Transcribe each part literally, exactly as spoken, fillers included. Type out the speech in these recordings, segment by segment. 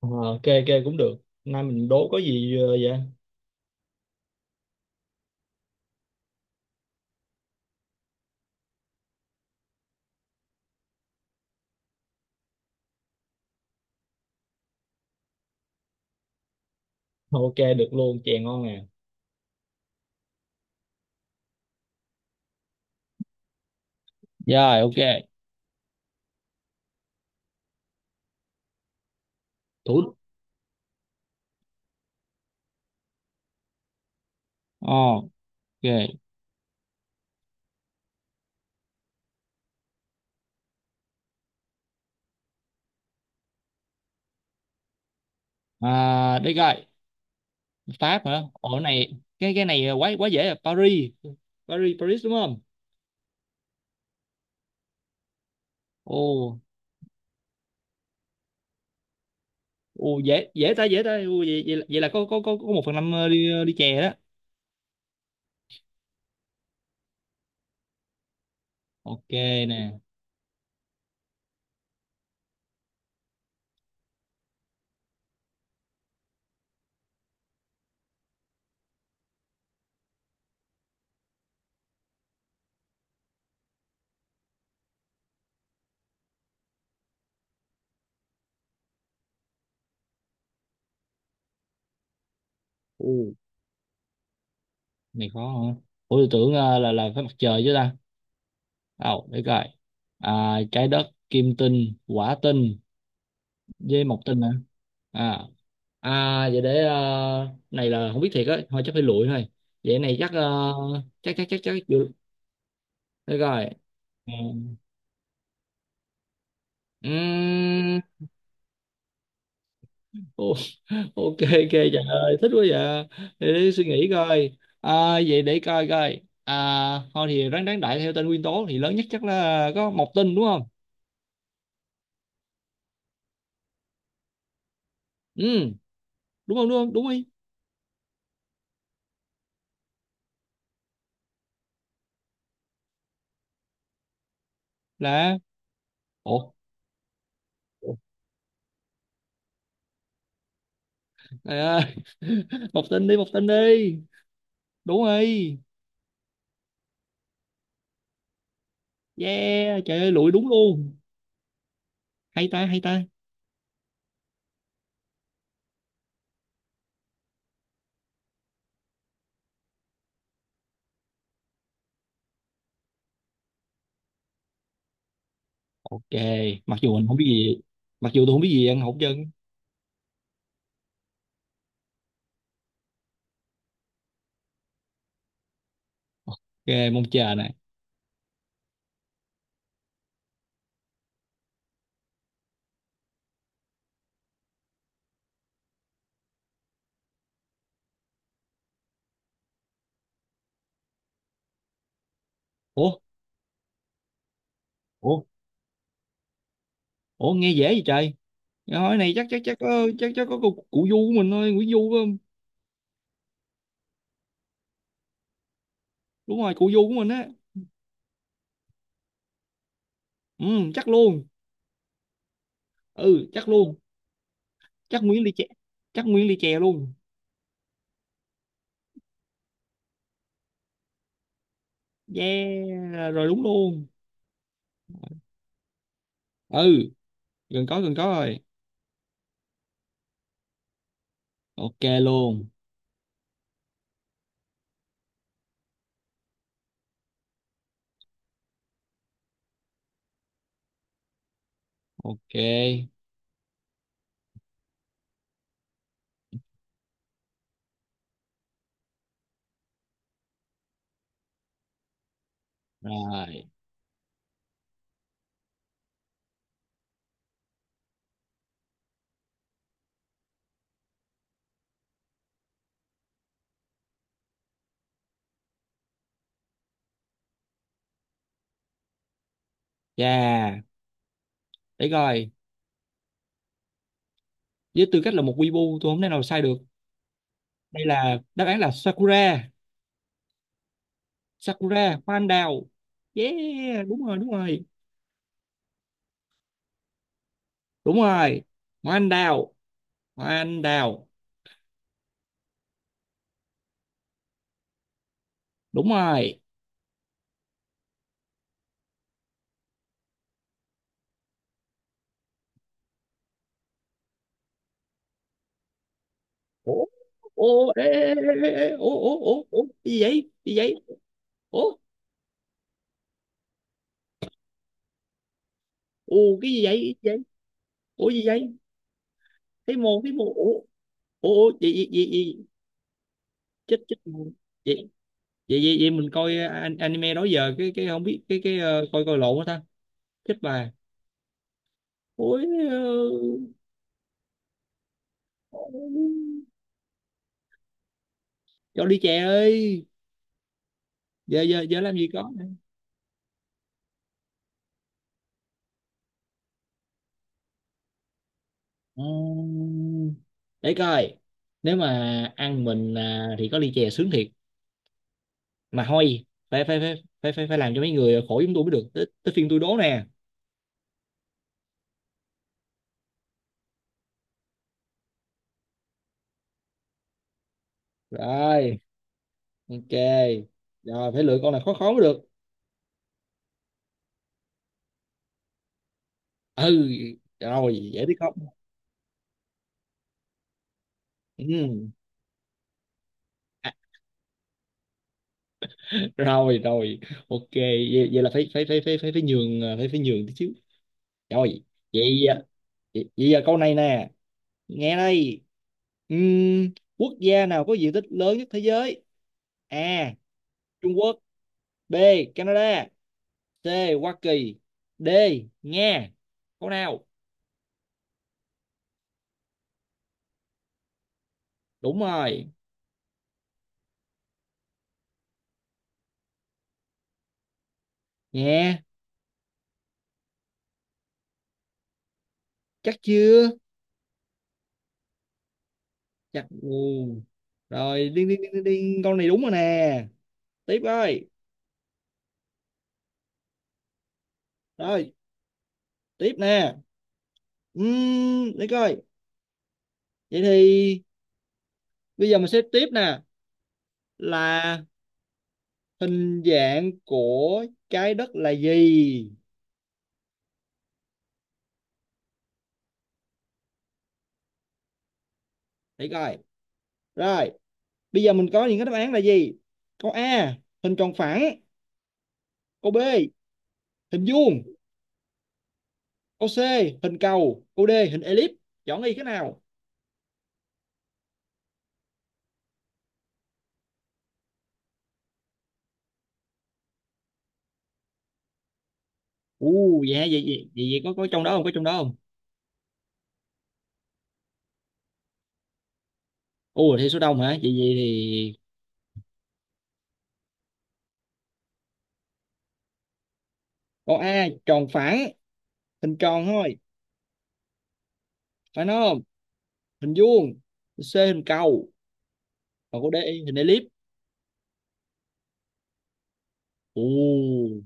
Ờ, ok ok cũng được nay mình đố có gì ờ, vậy. Ok được luôn, chè ngon nè. Rồi, ok. Thủ Ờ, ok. À, đây coi, Pháp hả? Ồ, cái này cái cái này quá quá dễ à. Paris. Paris, Paris đúng không? Ồ, ồ dễ dễ ta, dễ ta. Ồ, vậy, vậy, là- vậy là có có có có một phần năm ờ, đi ờ, đi chè đó. Ok nè. Ồ, này khó hả? Ủa, tôi tưởng ờ, là là phải mặt trời chứ ta. Ồ, để coi. À, trái đất, kim tinh, quả tinh. Dê một tình hả? À à vậy để ờ, này là không biết thiệt á, thôi chắc phải lụi thôi. Vậy này chắc ờ, chắc chắc chắc chắc được. Được rồi. Ờ, ừm, ô- ok ok, trời ơi thích quá vậy. Để, để suy nghĩ coi à, vậy để coi coi à. Thôi thì ráng đáng đại theo tên nguyên tố thì lớn nhất chắc là có một tinh, đúng không? Ừ, đúng không, đúng không, đúng đi. Là, ủa? Ủa? Trời ơi. Một tinh đi, một tinh đi, đúng rồi. Yeah, trời ơi lụi đúng luôn. Hay ta, hay ta. Ok, mặc dù mình không biết gì, mặc dù tôi không biết gì ăn hột chân. Ok, mong chờ nè. Ủa, ủa, ủa, nghe dễ vậy trời. Cái hỏi này chắc chắc chắc có chắc chắc có cụ, cụ Du của mình thôi, Nguyễn Du phải không? Đúng rồi, cụ Du của mình á. Ừ, chắc luôn. Ừ, chắc luôn. Chắc Nguyễn Ly Chè. Chắc Nguyễn Ly Chè luôn. Yeah, rồi đúng luôn. Ừ, gần có, gần có rồi. Ok luôn. Ok. Rồi. Yeah, để coi. Với tư cách là một weeaboo, tôi không thể nào sai được. Đây là, đáp án là Sakura. Sakura, hoa anh đào. Yeah, đúng rồi, đúng rồi. Đúng rồi, hoa anh đào, hoa anh đào. Đúng rồi. Ủa, ủa, ê, ê, ê, ê, ê, ủa, ủa, ủa, ủa, cái gì vậy, cái gì vậy? Ủa, ủa, cái gì vậy, cái gì vậy? Ủa, gì vậy? Thấy mồ, thấy mồ, ủa. Ủa, gì gì gì, gì? Chết chết mồ. Vậy vậy vậy vậy mình coi uh, an- anime đó giờ cái cái không biết cái cái ờ, coi coi lộn quá ta. Chết bà, ôi. ờ, cho đi chè ơi. Giờ giờ giờ làm gì có. Ờ, để coi. Nếu mà ăn mình à, thì có ly chè sướng thiệt. Mà thôi. Phải phải phải phải phải, phải làm cho mấy người khổ, chúng tôi mới được tới, tới phiên tôi đố nè. Rồi, ok. Rồi phải lựa con nào khó khó mới được. Ừ, rồi dễ biết không? Ừ. À, rồi rồi, ok, vậy, vậy là phải phải phải phải phải phải nhường à, phải phải nhường tí xíu. Rồi, vậy, vậy, vậy giờ câu này nè, nghe đây. Ừm, Quốc gia nào có diện tích lớn nhất thế giới? A. Trung Quốc. B. Canada. C. Hoa Kỳ. D. Nga. Câu nào? Đúng rồi. Nha. Chắc chưa? Chắc, ừ. Rồi, điên điên điên điên điên. Câu này đúng rồi nè. Tiếp ơi. Rồi, tiếp nè. Ừm, Để coi. Vậy thì bây giờ mình sẽ tiếp nè. Là, hình dạng của trái đất là gì? Để coi, rồi bây giờ mình có những cái đáp án là gì. Câu A, hình tròn phẳng. Câu B, hình vuông. Câu C, hình cầu. Câu D, hình elip. Chọn đi cái nào. U, dạ, vậy vậy vậy vậy có có trong đó không, có trong đó không? U, thì số đông hả? Vậy vậy thì. Câu A tròn phẳng. Hình tròn thôi, phải không? Hình vuông. C hình cầu. Còn câu D, hình elip. U.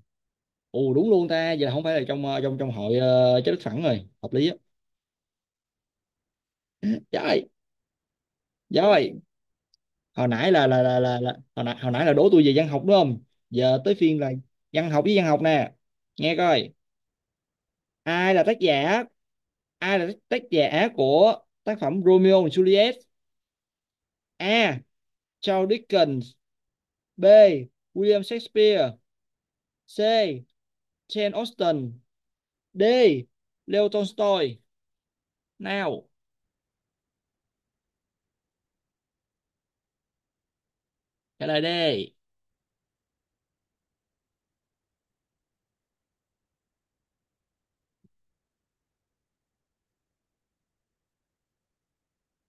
Ồ, đúng luôn ta, vậy là không phải là trong ờ, trong trong hội. Uh, trái đất phẳng rồi, hợp lý á. Trời, trời, hồi nãy là là là là, là hồi nãy, hồi nãy là đố tôi về văn học đúng không? Giờ tới phiên là văn học với văn học nè. Nghe coi, ai là tác giả? Ai là tác giả của tác phẩm Romeo and Juliet? A. Charles Dickens. B. William Shakespeare. C. Jane Austen. D. Leo Tolstoy. Nào, trả lời đi.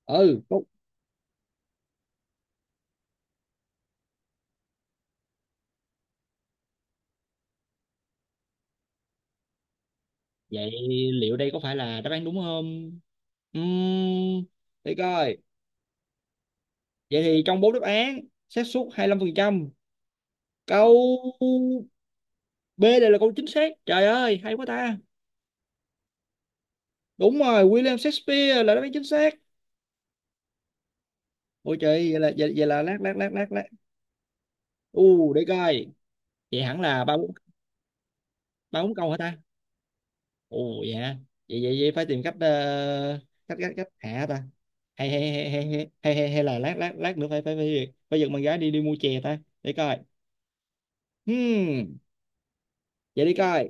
Ừ, có. Vậy liệu đây có phải là đáp án đúng không? Uhm, để coi. Vậy thì trong bốn đáp án, xác suất hai mươi lăm phần trăm. Câu B này là câu chính xác. Trời ơi, hay quá ta. Đúng rồi, William Shakespeare là đáp án chính xác. Ôi trời, vậy là vậy, vậy là lát lát lát lát lát. U, để coi. Vậy hẳn là ba bốn, ba bốn câu hả ta? Ồ dạ. Vậy vậy vậy phải tìm cách ờ, cách cách cách hạ ta. Hay hay hay hay hay hay hay hay là lát lát lát nữa phải phải phải phải giật bạn gái đi đi mua chè ta. Để coi. Hmm, Vậy đi coi.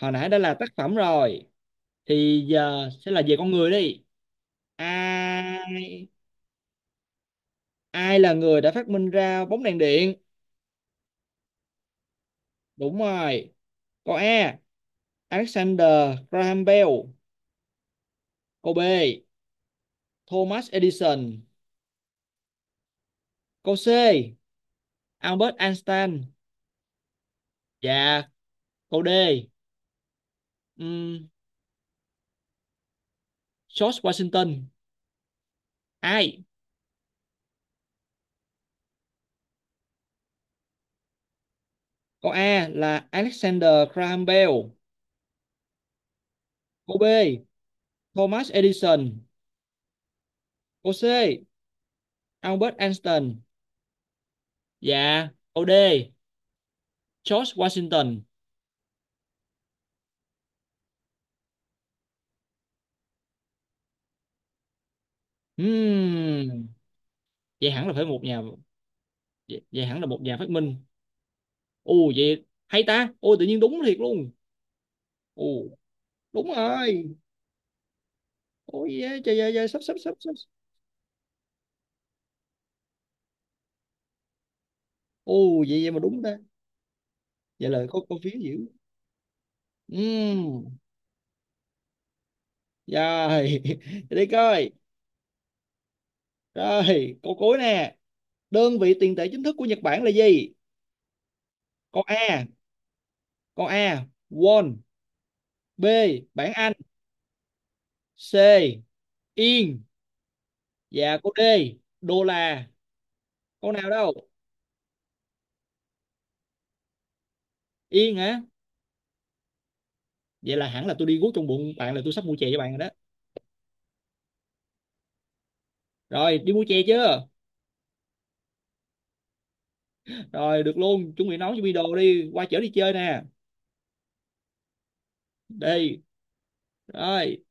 Hồi nãy đã là tác phẩm rồi. Thì giờ sẽ là về con người đi. Ai ai là người đã phát minh ra bóng đèn điện? Đúng rồi. Câu A. Alexander Graham Bell. Câu B. Thomas Edison. Câu C. Albert Einstein. Và câu D. Um, George Washington. Ai? Câu A là Alexander Graham Bell. Câu B. Thomas Edison. Câu C. Albert Einstein. Dạ, o đê, George Washington. Hmm, vậy hẳn là phải một nhà vậy, Vậy hẳn là một nhà phát minh. Ồ vậy hay ta. Ôi, tự nhiên đúng thiệt luôn. Ồ, đúng rồi. Ôi yeah, trời ơi, trời, sắp sắp sắp sắp. Ồ, vậy vậy mà đúng ta. Vậy là có có phiếu dữ. Hmm. Rồi, để đi coi. Rồi, câu cuối nè. Đơn vị tiền tệ chính thức của Nhật Bản là gì? Câu A, câu A, won. B, bảng Anh. C, yên. Dạ cô D, đô la. Con nào đâu? Yên hả? Vậy là hẳn là tôi đi guốc trong bụng bạn, là tôi sắp mua chè cho bạn rồi đó. Rồi đi mua chè chưa? Rồi được luôn. Chuẩn bị nấu cho bi đồ đi. Qua chở đi chơi nè. Đi. Rồi.